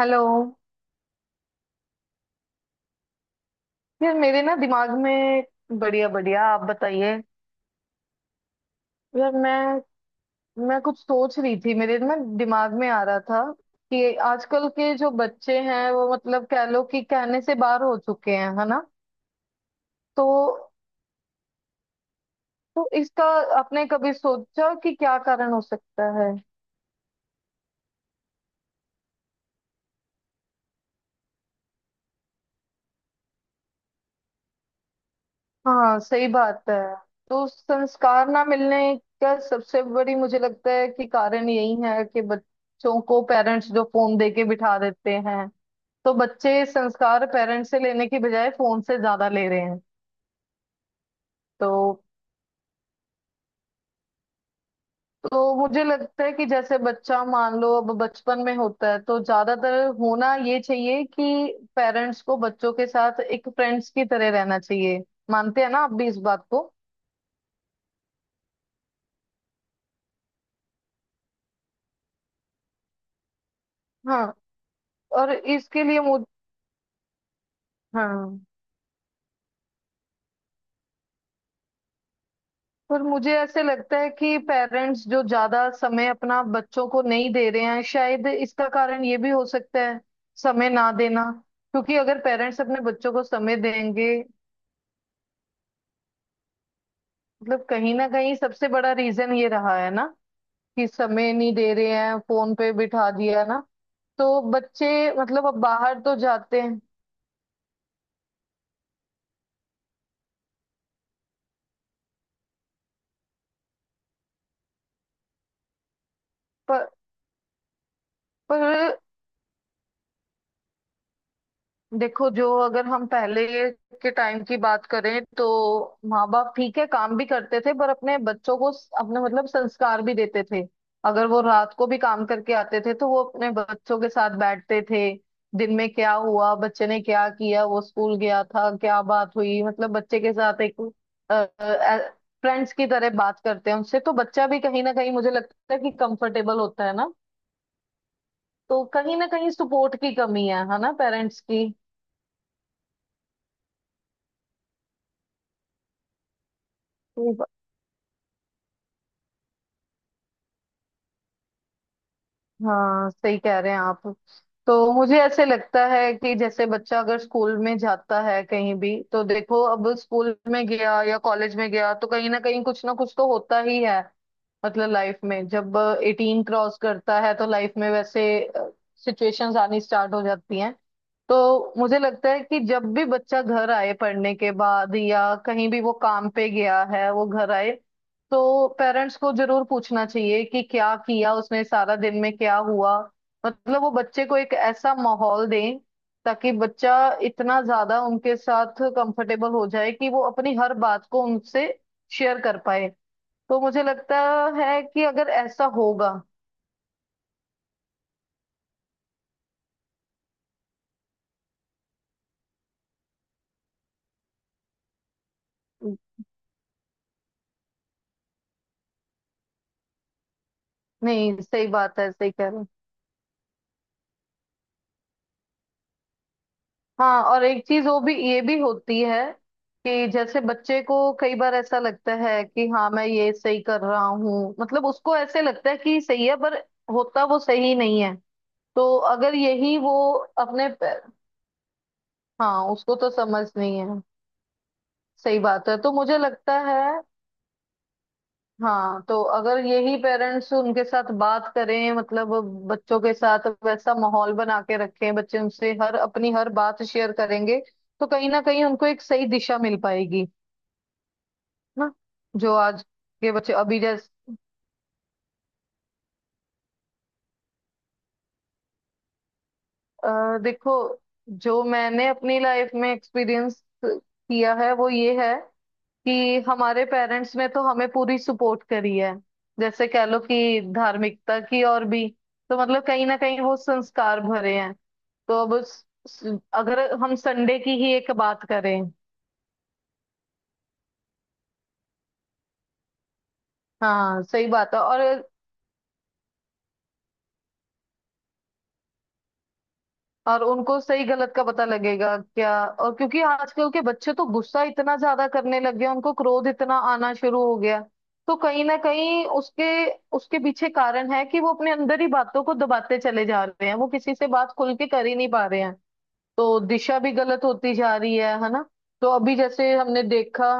Hello. यार मेरे ना दिमाग में। बढ़िया बढ़िया, आप बताइए। यार मैं कुछ सोच रही थी, मेरे ना दिमाग में आ रहा था कि आजकल के जो बच्चे हैं वो मतलब कह लो कि कहने से बाहर हो चुके हैं, है ना। तो तो इसका आपने कभी सोचा कि क्या कारण हो सकता है। हाँ, सही बात है। तो संस्कार ना मिलने का सबसे बड़ी मुझे लगता है कि कारण यही है कि बच्चों को पेरेंट्स जो फोन दे के बिठा देते हैं, तो बच्चे संस्कार पेरेंट्स से लेने की बजाय फोन से ज्यादा ले रहे हैं। तो तो मुझे लगता है कि जैसे बच्चा मान लो अब बचपन में होता है तो ज्यादातर होना ये चाहिए कि पेरेंट्स को बच्चों के साथ एक फ्रेंड्स की तरह रहना चाहिए। मानते हैं ना आप भी इस बात को। हाँ। और इसके लिए मुझे। हाँ। पर मुझे ऐसे लगता है कि पेरेंट्स जो ज्यादा समय अपना बच्चों को नहीं दे रहे हैं, शायद इसका कारण ये भी हो सकता है, समय ना देना। क्योंकि अगर पेरेंट्स अपने बच्चों को समय देंगे, मतलब कहीं ना कहीं सबसे बड़ा रीजन ये रहा है ना कि समय नहीं दे रहे हैं, फोन पे बिठा दिया ना तो बच्चे। मतलब अब बाहर तो जाते हैं पर पर देखो, जो अगर हम पहले के टाइम की बात करें तो माँ बाप ठीक है काम भी करते थे पर अपने बच्चों को अपने मतलब संस्कार भी देते थे। अगर वो रात को भी काम करके आते थे तो वो अपने बच्चों के साथ बैठते थे, दिन में क्या हुआ, बच्चे ने क्या किया, वो स्कूल गया था, क्या बात हुई, मतलब बच्चे के साथ एक फ्रेंड्स की तरह बात करते हैं उनसे, तो बच्चा भी कहीं ना कहीं मुझे लगता है कि कंफर्टेबल होता है ना। तो कहीं ना कहीं सपोर्ट की कमी है ना पेरेंट्स की। हाँ, सही कह रहे हैं आप। तो मुझे ऐसे लगता है कि जैसे बच्चा अगर स्कूल में जाता है कहीं भी, तो देखो अब स्कूल में गया या कॉलेज में गया तो कहीं ना कहीं कुछ ना कुछ तो होता ही है। मतलब लाइफ में जब 18 क्रॉस करता है तो लाइफ में वैसे सिचुएशंस आनी स्टार्ट हो जाती हैं। तो मुझे लगता है कि जब भी बच्चा घर आए पढ़ने के बाद या कहीं भी वो काम पे गया है वो घर आए, तो पेरेंट्स को जरूर पूछना चाहिए कि क्या किया उसने सारा दिन, में क्या हुआ। मतलब वो बच्चे को एक ऐसा माहौल दें ताकि बच्चा इतना ज्यादा उनके साथ कंफर्टेबल हो जाए कि वो अपनी हर बात को उनसे शेयर कर पाए। तो मुझे लगता है कि अगर ऐसा होगा। नहीं, सही बात है, सही कह रहे हो। हाँ, और एक चीज वो भी, ये भी होती है कि जैसे बच्चे को कई बार ऐसा लगता है कि हाँ मैं ये सही कर रहा हूँ, मतलब उसको ऐसे लगता है कि सही है पर होता वो सही नहीं है। तो अगर यही वो अपने हाँ, उसको तो समझ नहीं है। सही बात है, तो मुझे लगता है। हाँ, तो अगर यही पेरेंट्स उनके साथ बात करें, मतलब बच्चों के साथ वैसा माहौल बना के रखें, बच्चे उनसे हर अपनी हर बात शेयर करेंगे, तो कहीं ना कहीं उनको एक सही दिशा मिल पाएगी ना। जो आज के बच्चे अभी जैसे देखो, जो मैंने अपनी लाइफ में एक्सपीरियंस किया है वो ये है कि हमारे पेरेंट्स ने तो हमें पूरी सपोर्ट करी है, जैसे कह लो कि धार्मिकता की और भी। तो मतलब कहीं ना कहीं वो संस्कार भरे हैं। तो अब अगर हम संडे की ही एक बात करें। हाँ, सही बात है। और उनको सही गलत का पता लगेगा, क्या। और क्योंकि आजकल के बच्चे तो गुस्सा इतना ज्यादा करने लग गए, उनको क्रोध इतना आना शुरू हो गया, तो कहीं ना कहीं उसके उसके पीछे कारण है कि वो अपने अंदर ही बातों को दबाते चले जा रहे हैं, वो किसी से बात खुल के कर ही नहीं पा रहे हैं। तो दिशा भी गलत होती जा रही है ना। तो अभी जैसे हमने देखा।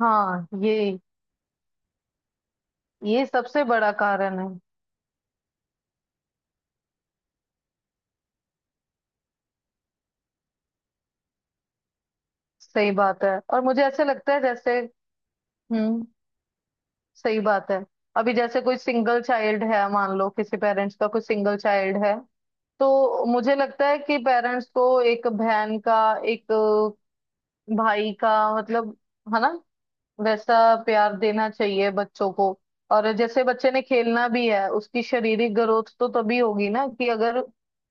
हाँ, ये सबसे बड़ा कारण है। सही बात है, और मुझे ऐसे लगता है जैसे। हम्म, सही बात है। अभी जैसे कोई सिंगल चाइल्ड है, मान लो किसी पेरेंट्स का कोई सिंगल चाइल्ड है, तो मुझे लगता है कि पेरेंट्स को एक बहन का, एक भाई का, मतलब, है ना, वैसा प्यार देना चाहिए बच्चों को। और जैसे बच्चे ने खेलना भी है, उसकी शारीरिक ग्रोथ तो तभी होगी ना कि अगर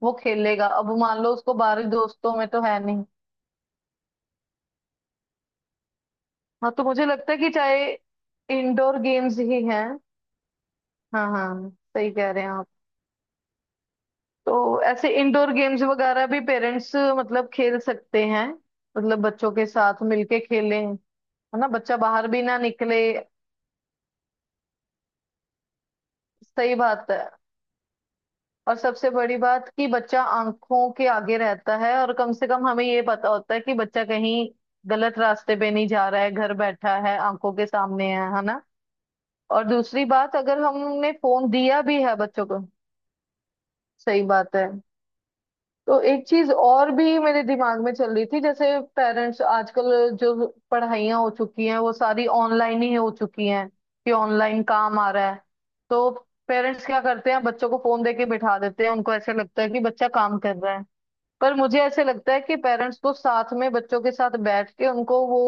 वो खेलेगा। अब मान लो उसको बाहरी दोस्तों में तो है नहीं। हाँ, तो मुझे लगता है कि चाहे इंडोर गेम्स ही हैं। हाँ हाँ, सही कह रहे हैं आप। तो ऐसे इंडोर गेम्स वगैरह भी पेरेंट्स मतलब खेल सकते हैं, मतलब बच्चों के साथ मिलके खेलें, है ना, बच्चा बाहर भी ना निकले। सही बात है। और सबसे बड़ी बात कि बच्चा आंखों के आगे रहता है और कम से कम हमें ये पता होता है कि बच्चा कहीं गलत रास्ते पे नहीं जा रहा है, घर बैठा है, आंखों के सामने है ना। और दूसरी बात, अगर हमने फोन दिया भी है बच्चों को। सही बात है। तो एक चीज और भी मेरे दिमाग में चल रही थी, जैसे पेरेंट्स आजकल जो पढ़ाइयाँ हो चुकी हैं वो सारी ऑनलाइन ही हो चुकी हैं, कि ऑनलाइन काम आ रहा है, तो पेरेंट्स क्या करते हैं, बच्चों को फोन देके बिठा देते हैं, उनको ऐसे लगता है कि बच्चा काम कर रहा है। पर मुझे ऐसे लगता है कि पेरेंट्स को साथ में बच्चों के साथ बैठ के उनको वो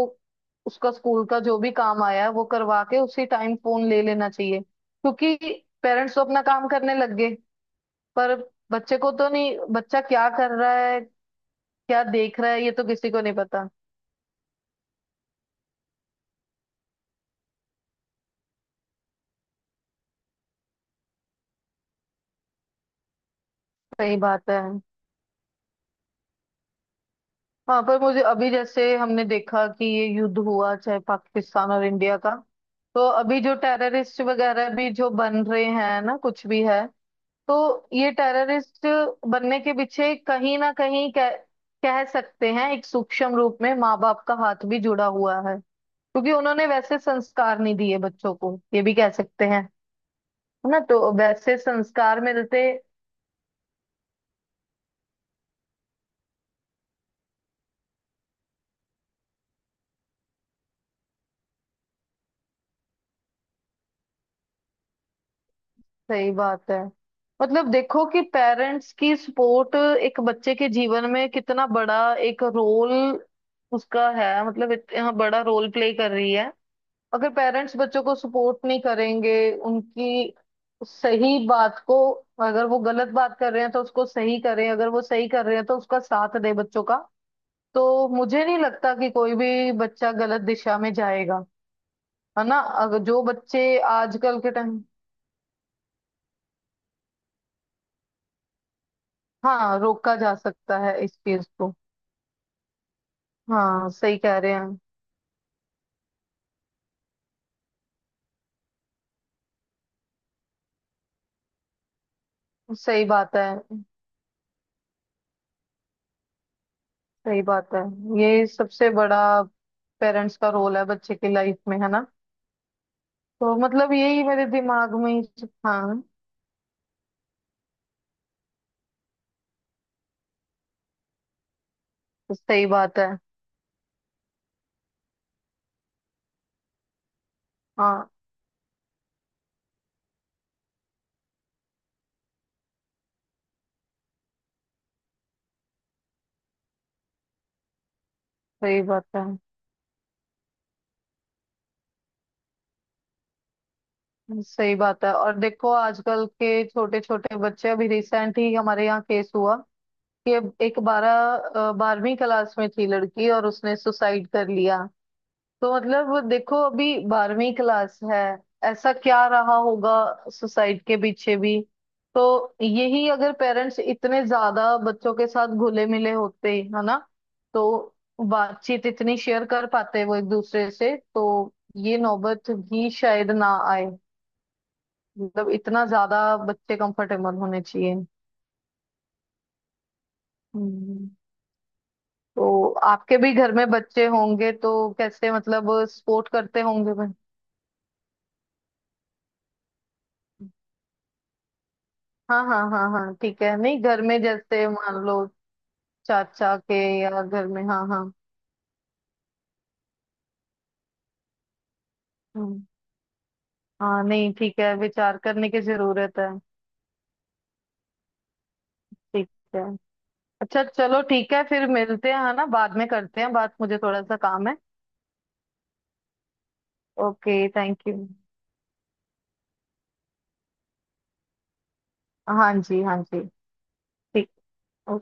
उसका स्कूल का जो भी काम आया है वो करवा के उसी टाइम फोन ले लेना चाहिए, क्योंकि पेरेंट्स तो अपना काम करने लग गए पर बच्चे को तो नहीं, बच्चा क्या कर रहा है, क्या देख रहा है ये तो किसी को नहीं पता। सही बात है। हाँ, पर मुझे अभी जैसे हमने देखा कि ये युद्ध हुआ, चाहे पाकिस्तान और इंडिया का, तो अभी जो टेररिस्ट वगैरह भी जो बन रहे हैं ना कुछ भी है, तो ये टेररिस्ट बनने के पीछे कहीं ना कहीं कह सकते हैं एक सूक्ष्म रूप में माँ बाप का हाथ भी जुड़ा हुआ है, क्योंकि उन्होंने वैसे संस्कार नहीं दिए बच्चों को, ये भी कह सकते हैं, है ना। तो वैसे संस्कार मिलते। सही बात है। मतलब देखो कि पेरेंट्स की सपोर्ट एक बच्चे के जीवन में कितना बड़ा एक रोल, उसका है, मतलब इतना बड़ा रोल प्ले कर रही है। अगर पेरेंट्स बच्चों को सपोर्ट नहीं करेंगे उनकी सही बात को, अगर वो गलत बात कर रहे हैं तो उसको सही करें, अगर वो सही कर रहे हैं तो उसका साथ दे बच्चों का, तो मुझे नहीं लगता कि कोई भी बच्चा गलत दिशा में जाएगा। है ना, अगर जो बच्चे आजकल के टाइम। हाँ, रोका जा सकता है इस चीज को। हाँ, सही कह रहे हैं। सही बात है। सही बात है, ये सबसे बड़ा पेरेंट्स का रोल है बच्चे की लाइफ में, है ना। तो मतलब यही मेरे दिमाग में हाँ, सही बात है। हाँ, सही बात है, सही बात है। और देखो आजकल के छोटे छोटे बच्चे, अभी रिसेंट ही हमारे यहाँ केस हुआ कि एक 12वीं क्लास में थी लड़की और उसने सुसाइड कर लिया। तो मतलब देखो अभी 12वीं क्लास है, ऐसा क्या रहा होगा सोसाइटी के पीछे भी। तो यही अगर पेरेंट्स इतने ज्यादा बच्चों के साथ घुले मिले होते, है ना, तो बातचीत इतनी शेयर कर पाते वो एक दूसरे से, तो ये नौबत भी शायद ना आए। मतलब इतना ज्यादा बच्चे कंफर्टेबल होने चाहिए। हम्म। तो आपके भी घर में बच्चे होंगे, तो कैसे मतलब सपोर्ट करते होंगे भाई। हाँ हाँ हाँ हाँ, ठीक है। नहीं घर में जैसे मान लो चाचा के या घर में, हाँ हाँ। हम्म। हाँ, नहीं ठीक है, विचार करने की जरूरत है। ठीक है, अच्छा चलो ठीक है, फिर मिलते हैं, है ना, बाद में करते हैं बात, मुझे थोड़ा सा काम है। Okay, thank you. हाँ जी, हाँ जी। ठीक।